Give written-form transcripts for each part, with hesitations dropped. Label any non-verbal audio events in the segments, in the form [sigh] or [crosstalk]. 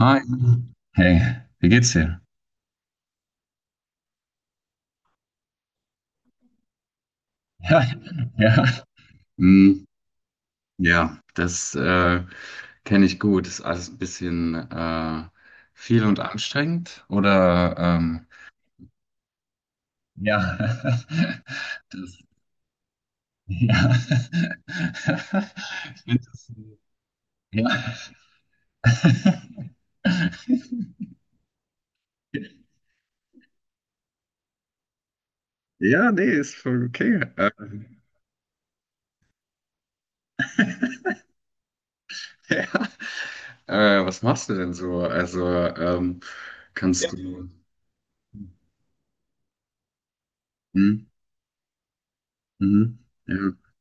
Hi. Hey, wie geht's dir? [laughs] Ja, ja. Hm, ja, das kenne ich gut. Ist alles ein bisschen viel und anstrengend, oder? Ja. [laughs] Das, ja. [laughs] Ich find das, ja. [laughs] Ja, nee, ist voll okay. [laughs] Ja. Was machst du denn so? Also, ähm, kannst du. Hm? Mhm. Ja.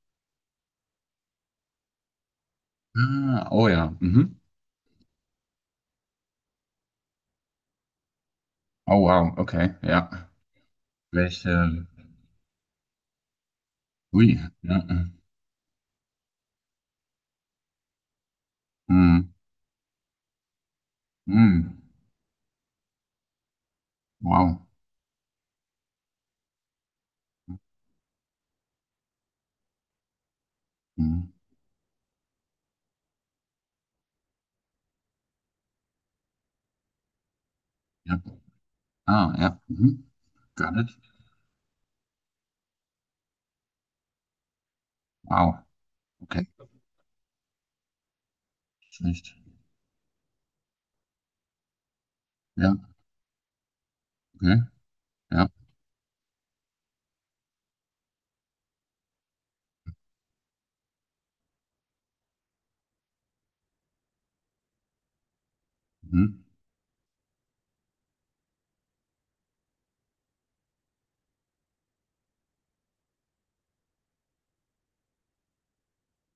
Ah, oh ja. Mhm. Oh wow, okay, ja. Welche? Ui, ja. Mhm. Mhm. Wow. Mhm. Ja. Ah, ja. Mhm. Got it. Wow. Okay. Schlecht. Ja, okay. Ja. Mhm.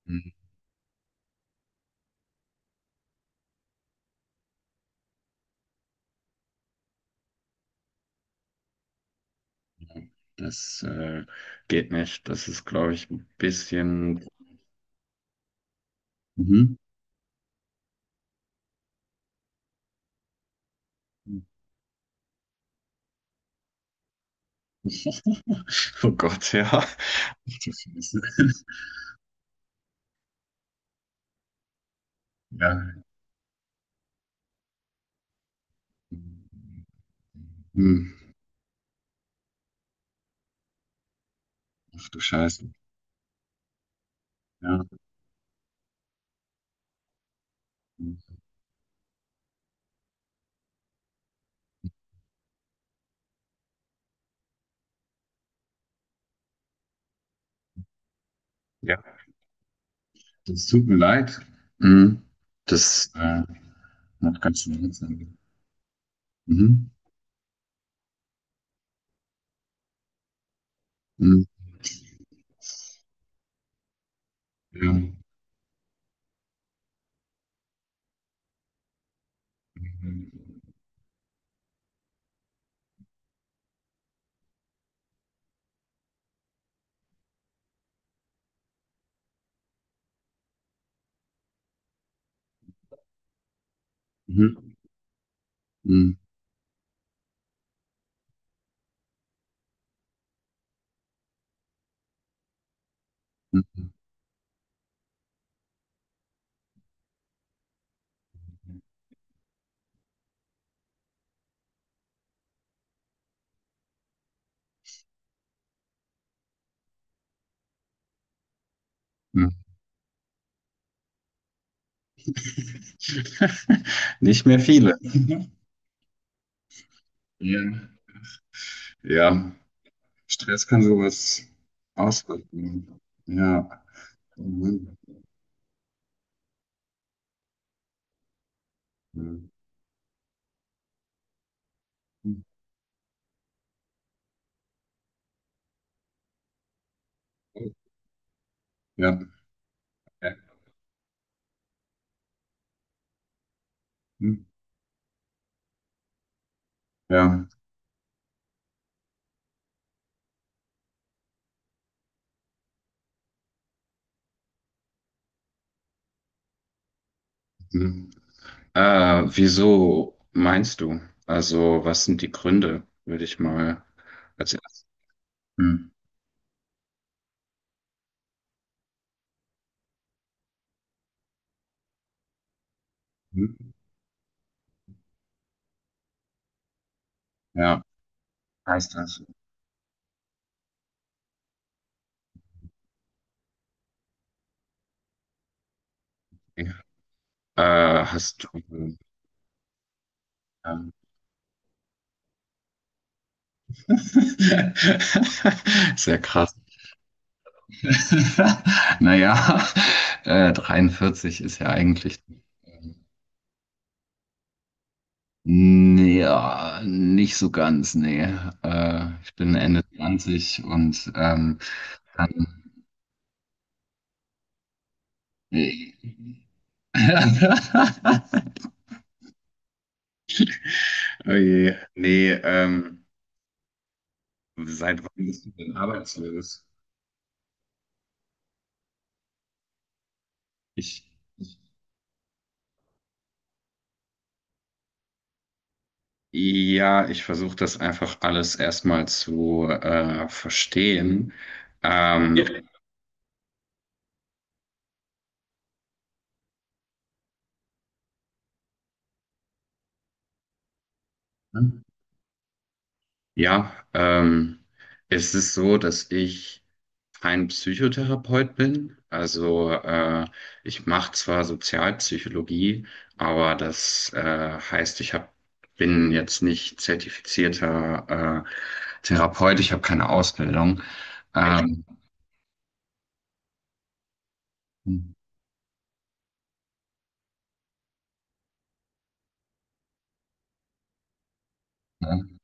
Mhm. Das geht nicht. Das ist, glaube ich, ein bisschen. Mhm. [laughs] Oh Gott, ja. [laughs] Ach du Scheiße. [laughs] Ja. Mhm. Ach du Scheiße. Ja. Mhm. Ja. Das tut mir leid. Mhm. Das, noch ganz schön langsam. Mhm. Mhm. Ja. Mhm. Mhm. Mhm. Mhm. [laughs] Nicht mehr viele. [laughs] Mhm. Ja. Ja. Stress kann sowas auswirken. Ja. Mhm. Mhm. Ja. Ja. Mhm. Ja. Mhm. Wieso meinst du? Also, was sind die Gründe, würde ich mal als erstes. Hm? Ja, heißt das. Okay. Hast du. Ähm, [laughs] sehr krass. [laughs] Naja, 43 ist ja eigentlich. ähm, Nee, ja, nicht so ganz, nee. Ich bin Ende 20 und dann. Nee. [laughs] Oh je. Nee, seit wann bist du denn arbeitslos? Ich. Ja, ich versuche das einfach alles erstmal zu verstehen. Ja. Ähm, ja, es ist so, dass ich kein Psychotherapeut bin. Also ich mache zwar Sozialpsychologie, aber das heißt, ich hab, bin jetzt nicht zertifizierter Therapeut, ich habe keine Ausbildung. Ähm, ja,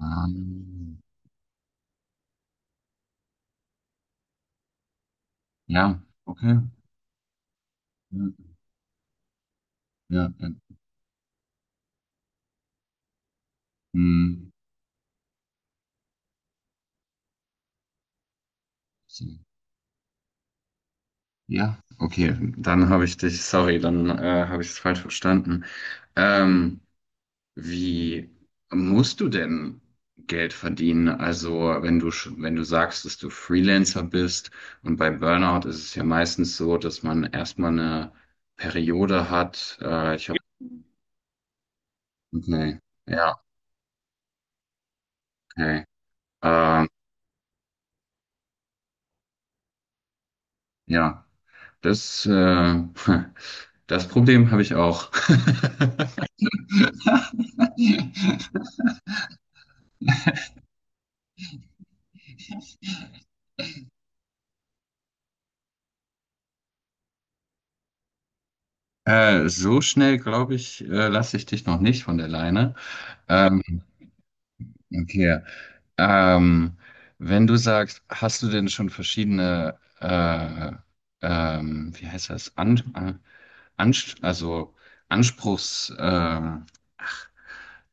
ähm, ja, okay. Ja, ja. Hm. So. Ja, okay, dann habe ich dich, sorry, dann habe ich es falsch verstanden. Ähm, wie musst du denn Geld verdienen? Also, wenn du, wenn du sagst, dass du Freelancer bist und bei Burnout ist es ja meistens so, dass man erstmal eine Periode hat. Ich habe, okay, ja, okay. Ähm, ja, das, [laughs] das Problem habe ich auch. [laughs] So schnell, glaube ich, lasse ich dich noch nicht von der Leine. Ähm, okay. Ähm, wenn du sagst, hast du denn schon verschiedene, wie heißt das, An Ans also Anspruchs, ähm,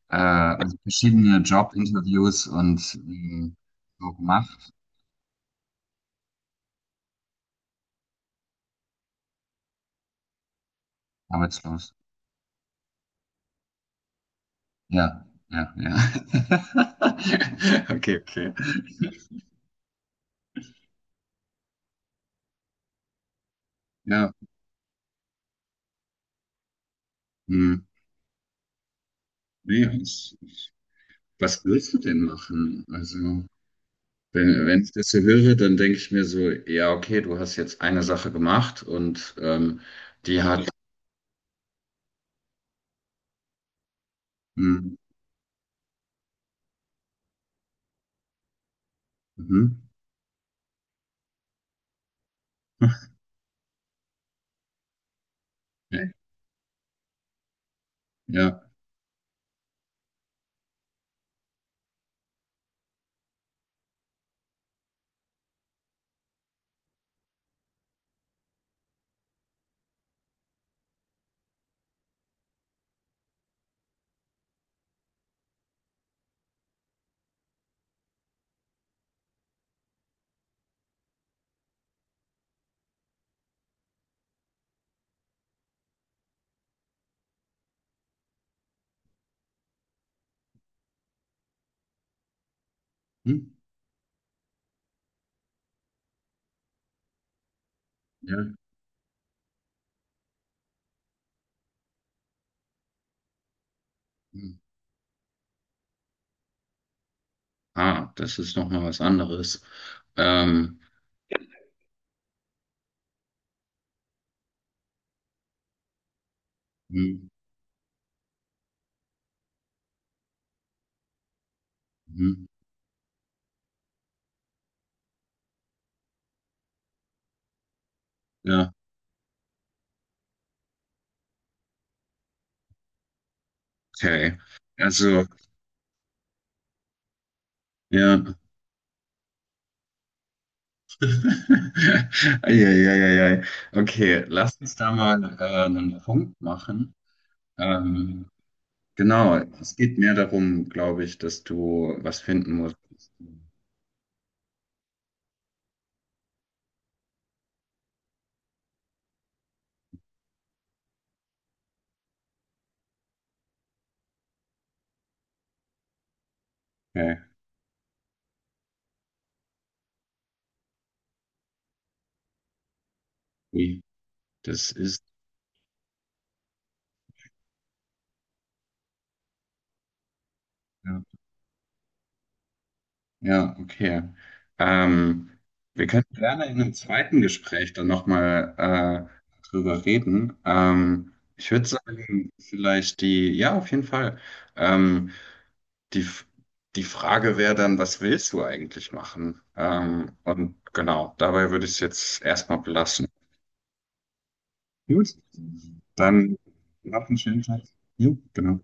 äh, also verschiedene Jobinterviews und so gemacht? Arbeitslos. Ja, ja, ja. [laughs] Okay, okay. Ja, hm. Nee, ich, was willst du denn machen? Also, wenn, wenn ich das so höre, dann denke ich mir so, ja, okay, du hast jetzt eine Sache gemacht und die hat, hm, mhm, okay, ja, hm, ja, hm. Ah, das ist nochmal was anderes. Ähm, hm, mhm, ja, okay. Also, ja. [laughs] Eieieiei. Okay, lass uns da mal einen Punkt machen. Ähm, Genau, es geht mehr darum, glaube ich, dass du was finden musst. Okay, wie das ist. Ja, ja okay. Ähm, wir können gerne in einem zweiten Gespräch dann nochmal drüber reden. Ich würde sagen, vielleicht die, ja, auf jeden Fall. Ähm, die, die Frage wäre dann, was willst du eigentlich machen? Und genau, dabei würde ich es jetzt erstmal belassen. Gut, dann noch einen schönen Tag. Jo, genau.